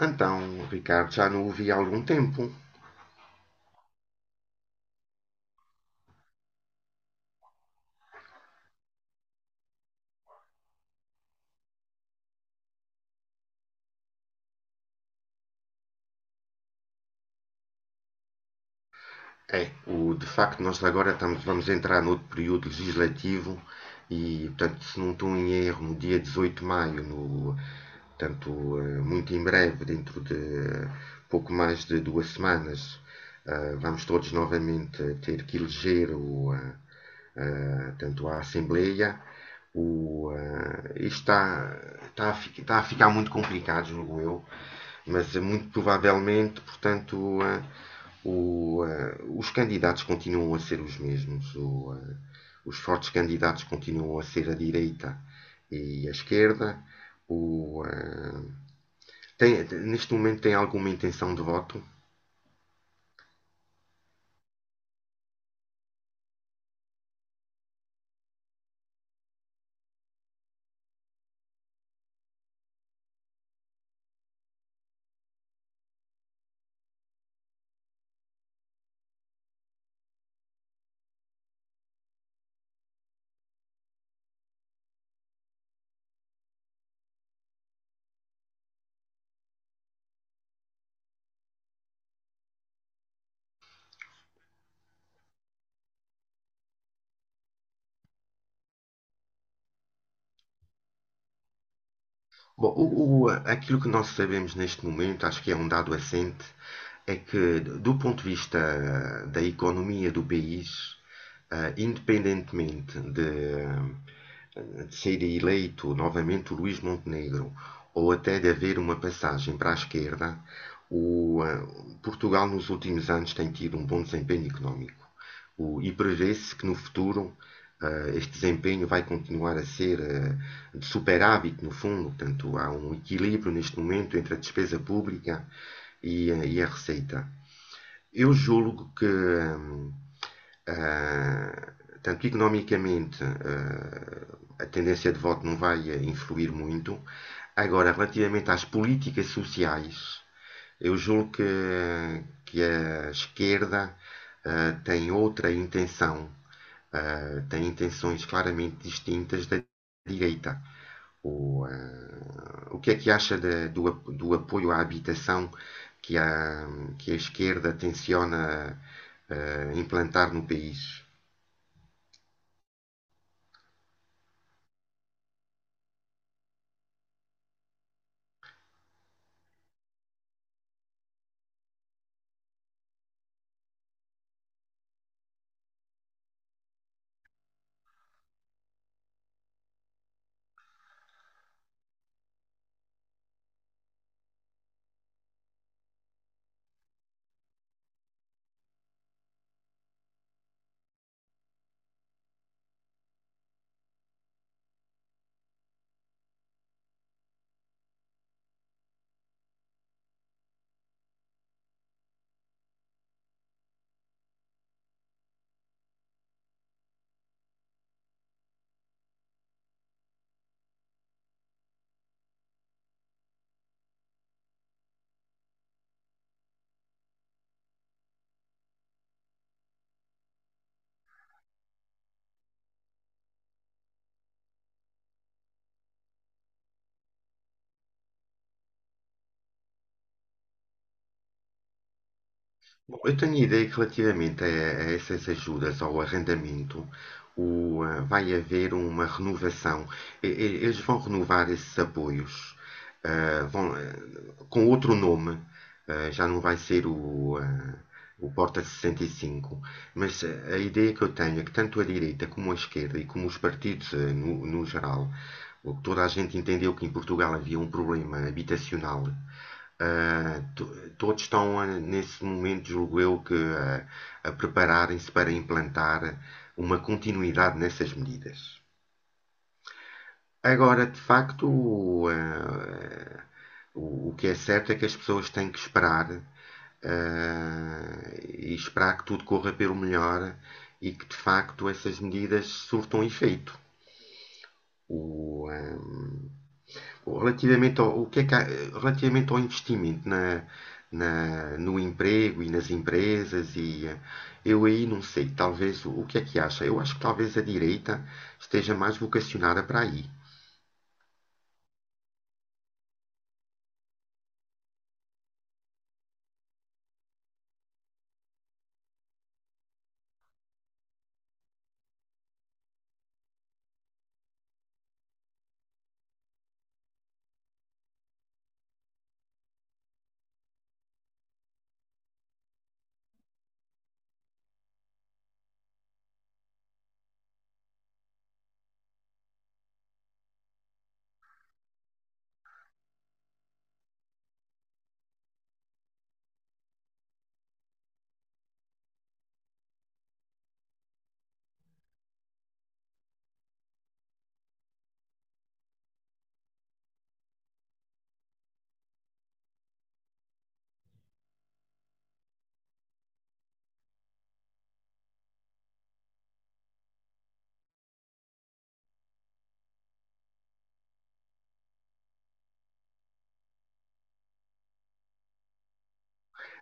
Então, Ricardo, já não o vi há algum tempo. De facto, vamos entrar no outro período legislativo e, portanto, se não estou em erro, no dia 18 de maio, no, portanto, eh, muito em breve, dentro de pouco mais de 2 semanas, vamos todos novamente ter que eleger tanto a Assembleia. O, isto está, está, a, Está a ficar muito complicado, julgo eu, mas muito provavelmente, os candidatos continuam a ser os mesmos. Os fortes candidatos continuam a ser a direita e a esquerda. O, uh, Neste momento tem alguma intenção de voto? Bom, aquilo que nós sabemos neste momento, acho que é um dado assente, é que, do ponto de vista da economia do país, independentemente de, de ser eleito novamente o Luís Montenegro ou até de haver uma passagem para a esquerda, o, eh, Portugal nos últimos anos tem tido um bom desempenho económico. E prevê-se que no futuro este desempenho vai continuar a ser de superávit, no fundo. Portanto, há um equilíbrio neste momento entre a despesa pública e, e a receita. Eu julgo que, tanto economicamente, a tendência de voto não vai influir muito. Agora, relativamente às políticas sociais, eu julgo que a esquerda tem outra intenção eh, tem intenções claramente distintas da direita. O, eh, o que é que acha de- do, do apoio à habitação que a, que a esquerda tenciona implantar no país? Bom, eu tenho a ideia que relativamente a essas ajudas ao arrendamento, vai haver uma renovação. Eles vão renovar esses apoios, vão com outro nome, já não vai ser o Porta 65, mas a ideia que eu tenho é que tanto a direita como a esquerda e como os partidos no geral, o que toda a gente entendeu que em Portugal havia um problema habitacional ah, todos estão, nesse momento, julgo eu, a prepararem-se para implantar uma continuidade nessas medidas. Agora, de facto, o que é certo é que as pessoas têm que esperar, e esperar que tudo corra pelo melhor e que, de facto, essas medidas surtam efeito. O, ah, Relativamente ao, o que é que há- Relativamente ao investimento no emprego e nas empresas, e eu aí não sei, talvez o que é que acha? Eu acho que talvez a direita esteja mais vocacionada para aí.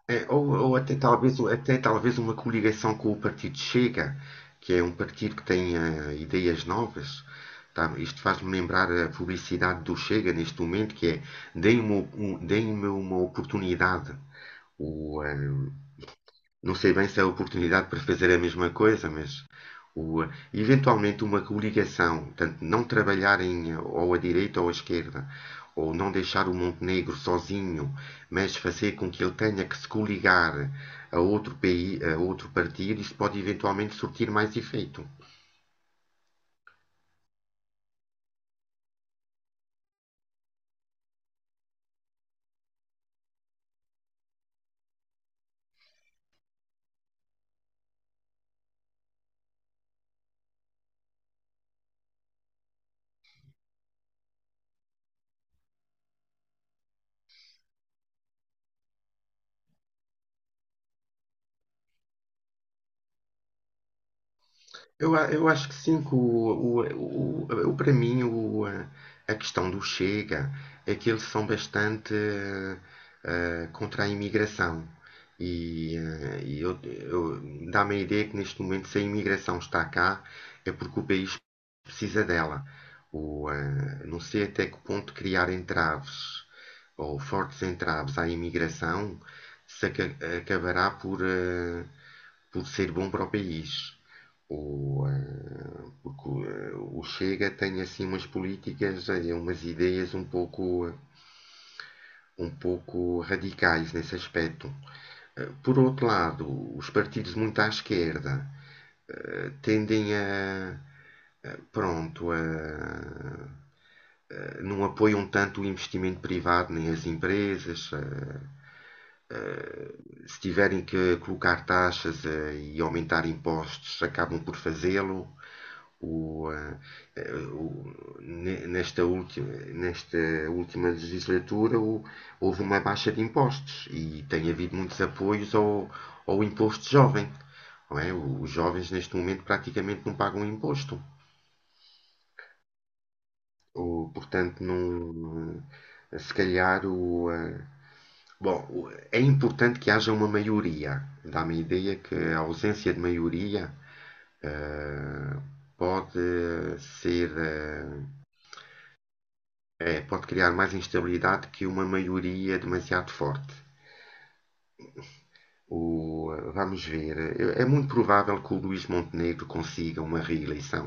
Até talvez uma coligação com o partido Chega, que é um partido que tem ideias novas. Tá? Isto faz-me lembrar a publicidade do Chega neste momento, que é deem-me uma oportunidade. O, eh, Não sei bem se é a oportunidade para fazer a mesma coisa, mas o, eventualmente uma coligação, tanto não trabalharem ou à direita ou à esquerda, ou não deixar o Montenegro sozinho, mas fazer com que ele tenha que se coligar a outro, país, a outro partido, isso pode eventualmente surtir mais efeito. Eu acho que sim, que o- para mim a questão do Chega é que eles são bastante contra a imigração. E, dá-me a ideia que neste momento, se a imigração está cá, é porque o país precisa dela. Não sei até que ponto criar entraves ou fortes entraves à imigração se aca- acabará por por ser bom para o país. Porque o Chega tem assim umas políticas, umas ideias um pouco radicais nesse aspecto. Por outro lado, os partidos muito à esquerda tendem a, eh, pronto, a, não apoiam tanto o investimento privado nem as empresas. Se tiverem que colocar taxas e aumentar impostos, acabam por fazê-lo. O, eh, eh, o- nesta, última, Nesta última legislatura houve uma baixa de impostos e tem havido muitos apoios ao, ao imposto jovem. Não é? Os jovens neste momento praticamente não pagam imposto. Portanto, não, se calhar Bom, é importante que haja uma maioria. Dá-me a ideia que a ausência de maioria eh, pode ser, eh, pode criar mais instabilidade que uma maioria demasiado forte. O, Vamos ver. É é muito provável que o Luís Montenegro consiga uma reeleição.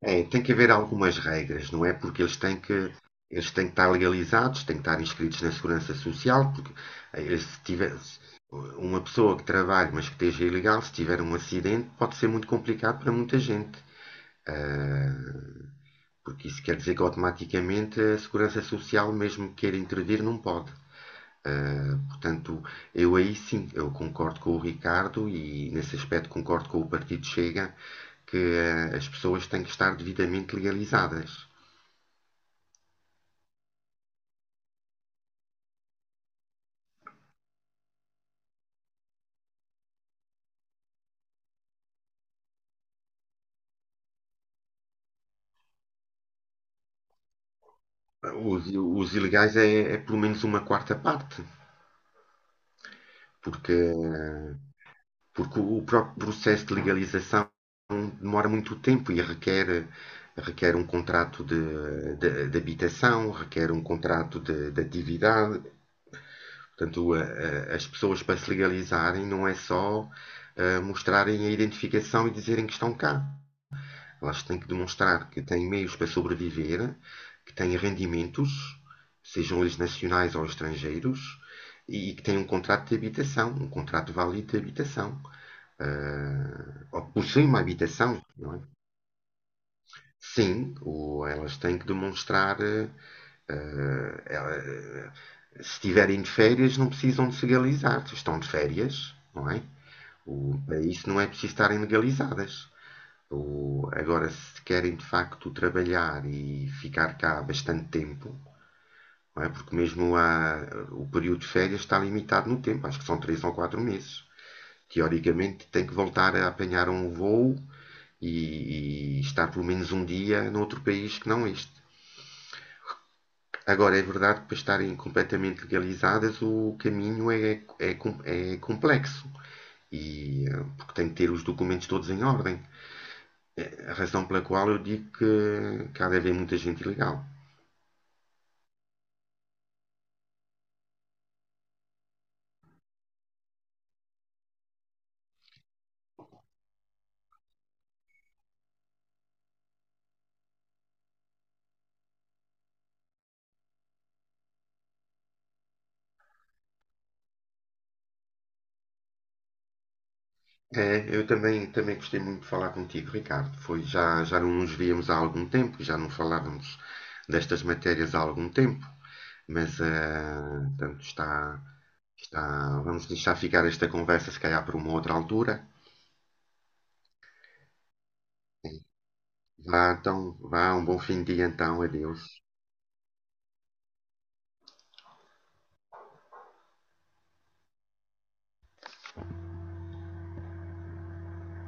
É, tem que haver algumas regras, não é? Porque eles têm que estar legalizados, têm que estar inscritos na Segurança Social, porque se uma pessoa que trabalhe, mas que esteja ilegal, se tiver um acidente, pode ser muito complicado para muita gente. Ah, Porque isso quer dizer que automaticamente a Segurança Social, mesmo que queira intervir, não pode. Portanto, eu aí sim, eu concordo com o Ricardo e nesse aspecto concordo com o Partido Chega que as pessoas têm que estar devidamente legalizadas. Os ilegais é pelo menos uma quarta parte, porque uh, porque o próprio processo de legalização demora muito tempo e requer um contrato de habitação, requer um contrato de atividade. Portanto, as pessoas para se legalizarem não é só mostrarem a identificação e dizerem que estão cá. Elas têm que demonstrar que têm meios para sobreviver, que têm rendimentos, sejam eles nacionais ou estrangeiros, e que têm um contrato de habitação, um contrato válido de habitação ou que possuem uma habitação, não é? Sim, ou elas têm que demonstrar. Ela- eh, Se estiverem de férias, não precisam de se legalizar. Se estão de férias, não é? Para isso não é preciso estarem legalizadas. Agora, se querem de facto trabalhar e ficar cá bastante tempo, não é? O período de férias está limitado no tempo, acho que são 3 ou 4 meses. Teoricamente, tem que voltar a apanhar um voo e estar pelo menos um dia noutro país que não este. Agora, é verdade que para estarem completamente legalizadas o caminho é complexo e porque tem que ter os documentos todos em ordem. A razão pela qual eu digo que há de haver muita gente ilegal. É, eu também, também gostei muito de falar contigo, Ricardo. Já não nos víamos há algum tempo, já não falávamos destas matérias há algum tempo, mas Tá, vamos deixar ficar esta conversa, se calhar, para uma outra altura. Vá, então, vá, um bom fim de dia, então, adeus.